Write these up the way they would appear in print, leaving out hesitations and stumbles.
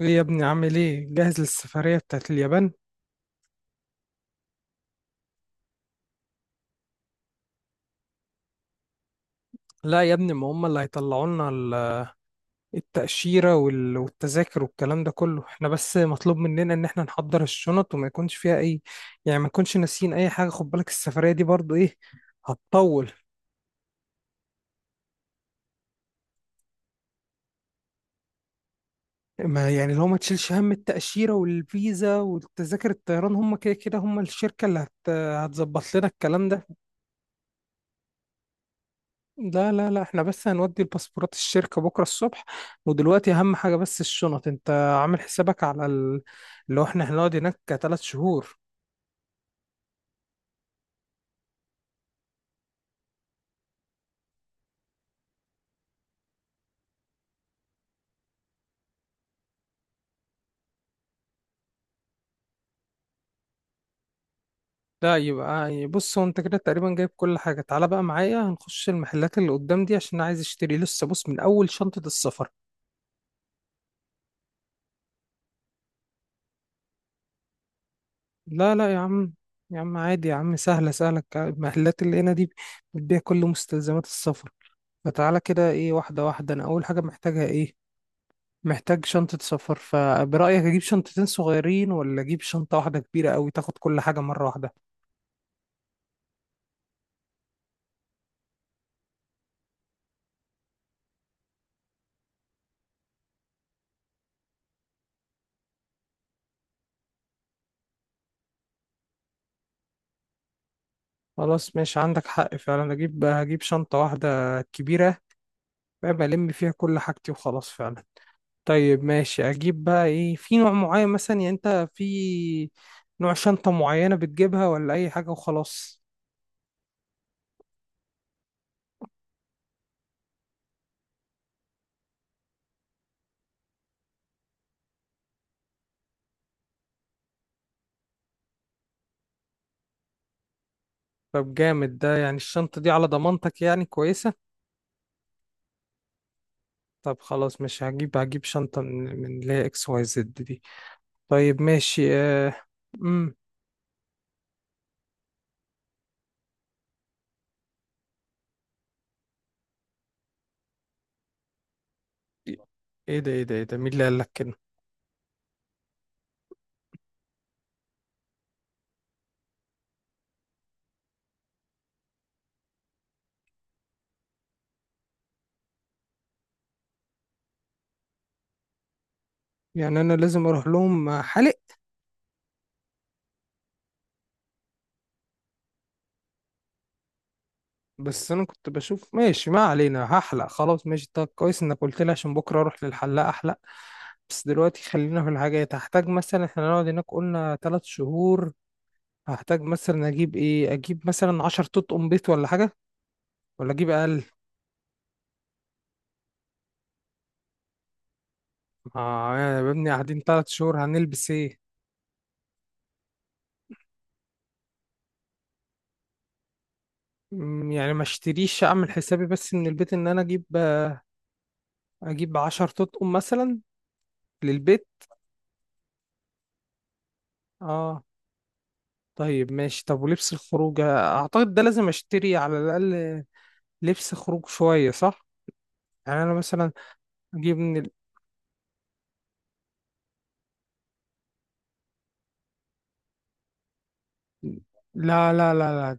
ايه يا ابني، عامل ايه؟ جاهز للسفرية بتاعت اليابان؟ لا يا ابني، ما هم اللي هيطلعوا لنا التأشيرة وال- والتذاكر والكلام ده كله. احنا بس مطلوب مننا ان احنا نحضر الشنط وما يكونش فيها اي، يعني ما نكونش ناسيين اي حاجة. خد بالك السفرية دي برضو ايه، هتطول. ما يعني لو ما تشيلش هم التأشيرة والفيزا والتذاكر الطيران، هم كده كده هم الشركة اللي هتظبط لنا الكلام ده. لا لا لا، احنا بس هنودي الباسبورات الشركة بكرة الصبح. ودلوقتي أهم حاجة بس الشنط. انت عامل حسابك على اللي هو احنا هنقعد هناك تلات شهور؟ لا، يبقى بص، هو انت كده تقريبا جايب كل حاجة. تعالى بقى معايا، هنخش المحلات اللي قدام دي عشان أنا عايز اشتري لسه. بص، من أول شنطة السفر. لا لا يا عم، يا عم عادي يا عم، سهلة، سهلة المحلات اللي هنا دي بتبيع كل مستلزمات السفر. فتعالى كده، ايه، واحدة واحدة. أنا أول حاجة محتاجها ايه؟ محتاج شنطة سفر. فبرأيك أجيب شنطتين صغيرين ولا أجيب شنطة واحدة كبيرة أوي تاخد كل حاجة مرة واحدة؟ خلاص ماشي، عندك حق فعلا. هجيب شنطة واحدة كبيرة بقى، بلم فيها كل حاجتي وخلاص فعلا. طيب ماشي، أجيب بقى إيه، في نوع معين مثلا؟ يعني أنت في نوع شنطة معينة بتجيبها ولا أي حاجة وخلاص؟ طب جامد. ده يعني الشنطة دي على ضمانتك، يعني كويسة؟ طب خلاص ماشي، هجيب شنطة من اللي هي اكس واي زد دي. طيب ماشي، آه. مم. ايه ده؟ ايه ده؟ ايه ده؟ مين اللي قال لك كده؟ يعني انا لازم اروح لهم حلق؟ بس انا كنت بشوف، ماشي، ما علينا، هحلق. خلاص ماشي، طب كويس انك قلت لي عشان بكره اروح للحلاق احلق. بس دلوقتي خلينا في الحاجات. هحتاج مثلا، احنا نقعد هناك قلنا ثلاث شهور، هحتاج مثلا اجيب ايه؟ اجيب مثلا 10 طوط قميص ولا حاجه، ولا اجيب اقل؟ اه يا بني، قاعدين ثلاث شهور هنلبس ايه؟ يعني ما اشتريش، اعمل حسابي بس من البيت ان انا اجيب 10 طقم مثلا للبيت. اه. طيب ماشي، طب ولبس الخروج اعتقد ده لازم اشتري على الاقل لبس خروج شوية، صح؟ يعني انا مثلا اجيب من ال... لا لا لا لا،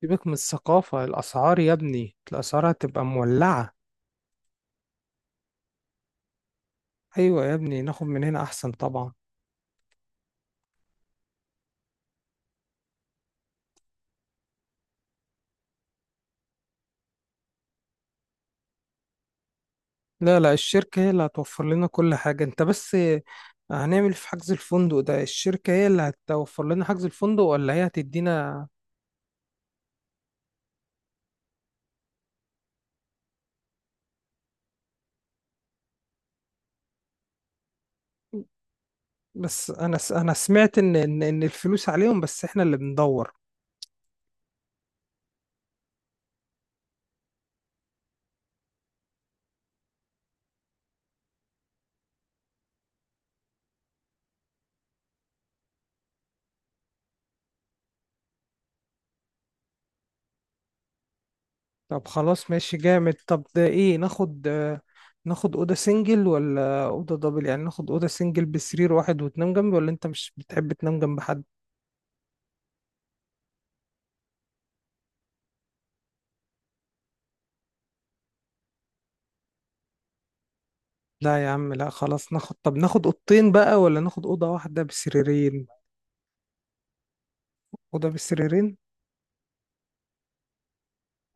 سيبك من الثقافة، الاسعار يا ابني، الاسعار هتبقى مولعة. ايوه يا ابني، ناخد من هنا احسن طبعا. لا لا، الشركة هي اللي هتوفر لنا كل حاجة. انت بس هنعمل في حجز الفندق ده؟ الشركة هي اللي هتوفر لنا حجز الفندق، ولا هي هتدينا؟ بس انا سمعت ان ان إن الفلوس عليهم، بس احنا اللي بندور. طب خلاص ماشي جامد. طب ده ايه، ناخد ناخد اوضه سنجل ولا اوضه دبل؟ يعني ناخد اوضه سنجل بسرير واحد وتنام جنبي، ولا انت مش بتحب تنام جنب حد؟ لا يا عم لا، خلاص ناخد، طب ناخد اوضتين بقى ولا ناخد اوضه واحده بسريرين؟ اوضه بسريرين.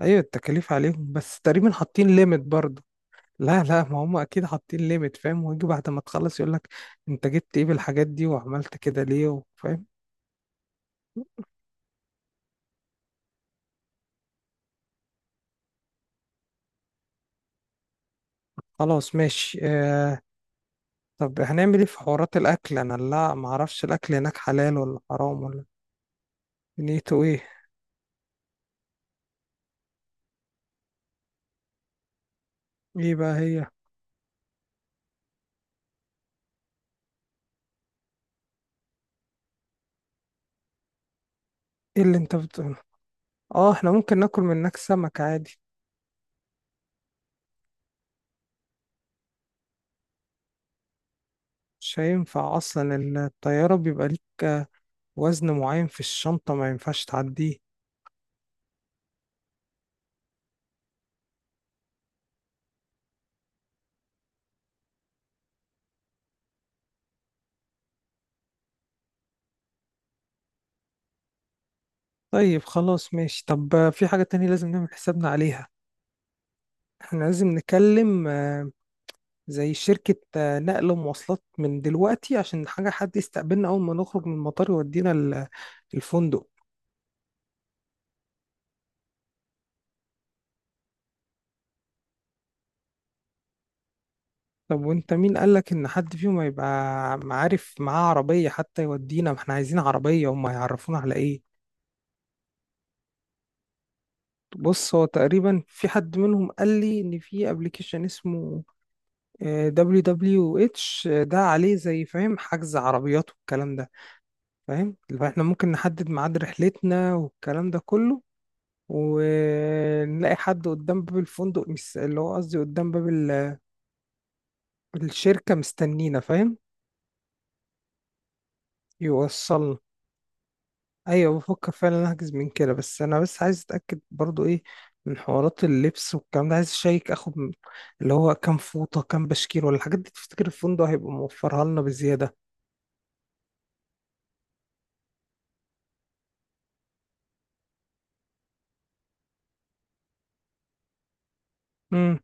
ايوه، التكاليف عليهم، بس تقريبا حاطين ليميت برضه. لا لا، ما هم اكيد حاطين ليميت، فاهم؟ ويجي بعد ما تخلص يقول لك انت جبت ايه بالحاجات دي وعملت كده ليه، فاهم؟ خلاص ماشي، طب هنعمل ايه في حوارات الاكل؟ انا لا، ما اعرفش الاكل هناك حلال ولا حرام ولا نيته ايه. ايه بقى هي؟ ايه اللي انت بتقوله؟ اه، احنا ممكن ناكل من هناك سمك عادي. مش هينفع اصلا، الطيارة بيبقى ليك وزن معين في الشنطة ما ينفعش تعديه. طيب خلاص ماشي، طب في حاجة تانية لازم نعمل حسابنا عليها. احنا لازم نكلم زي شركة نقل ومواصلات من دلوقتي، عشان حاجة حد يستقبلنا أول ما نخرج من المطار يودينا الفندق. طب وانت مين قالك ان حد فيهم هيبقى عارف معاه عربية حتى يودينا؟ ما احنا عايزين عربية، هم هيعرفونا على ايه؟ بص هو تقريبا في حد منهم قال لي ان في ابلكيشن اسمه WWH. ده عليه زي، فاهم، حجز عربيات والكلام ده، فاهم، اللي هو احنا ممكن نحدد ميعاد رحلتنا والكلام ده كله، ونلاقي حد قدام باب الفندق، اللي هو قصدي قدام باب الشركة مستنينا، فاهم. يوصلنا. ايوه، بفكر فعلا احجز من كده، بس انا بس عايز اتاكد برضو ايه من حوارات اللبس والكلام ده. عايز اشيك اخد اللي هو كام فوطه، كام بشكير، ولا الحاجات دي تفتكر الفندق هيبقى موفرها لنا بزياده؟ امم،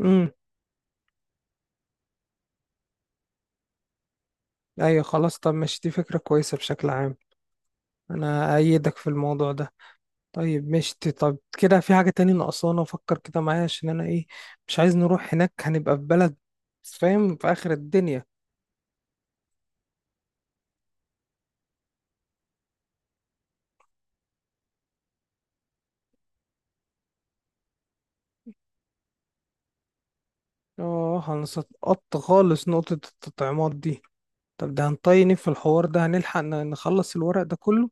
امم، ايوه خلاص. طب ماشي، دي فكره كويسه بشكل عام. انا ايدك في الموضوع ده. طيب ماشي، طب كده في حاجه تاني ناقصانا؟ فكر كده معايا، عشان انا ايه، مش عايز نروح هناك هنبقى في بلد، فاهم، في اخر الدنيا. اه، هنسقط خالص نقطه التطعيمات دي. طب ده هنطيني في الحوار ده، هنلحق نخلص الورق ده كله؟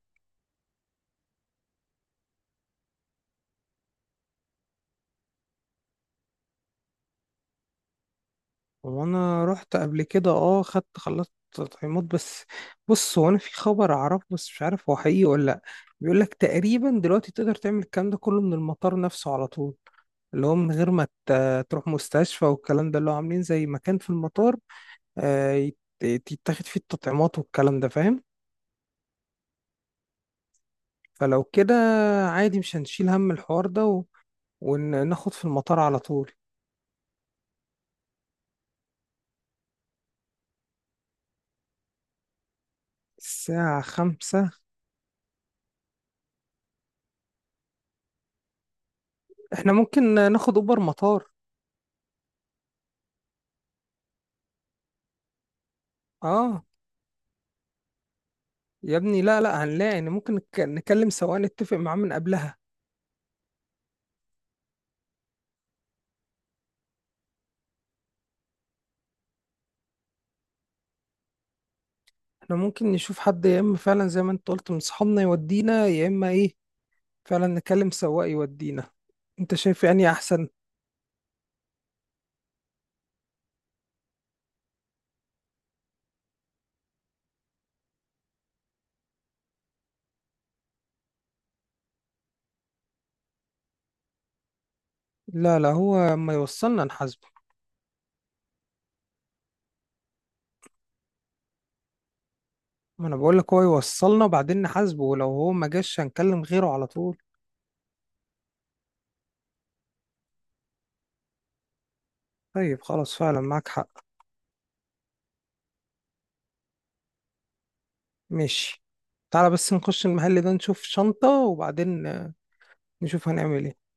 وانا رحت قبل كده، اه، خدت، خلصت تطعيمات. بس بص، هو انا في خبر اعرفه بس مش عارف هو حقيقي ولا لا. بيقول لك تقريبا دلوقتي تقدر تعمل الكلام ده كله من المطار نفسه على طول، اللي هو من غير ما تروح مستشفى والكلام ده، اللي هو عاملين زي مكان في المطار، يتاخد فيه التطعيمات والكلام ده، فاهم. فلو كده عادي، مش هنشيل هم الحوار ده، و- وناخد في المطار على طول. الساعة 5. احنا ممكن ناخد اوبر مطار. اه يا ابني لا لا، هنلاقي، يعني ممكن نكلم سواق نتفق معاه من قبلها. احنا ممكن نشوف حد، يا اما فعلا زي ما انت قلت من صحابنا يودينا، يا اما ايه، فعلا نكلم سواق يودينا، انت شايف يعني احسن. لا لا، هو ما يوصلنا نحاسبه. ما انا بقول لك هو يوصلنا وبعدين نحاسبه، ولو هو ما جاش هنكلم غيره على طول. طيب خلاص فعلا، معاك حق. ماشي. تعالى بس نخش المحل ده، نشوف شنطة، وبعدين نشوف هنعمل ايه.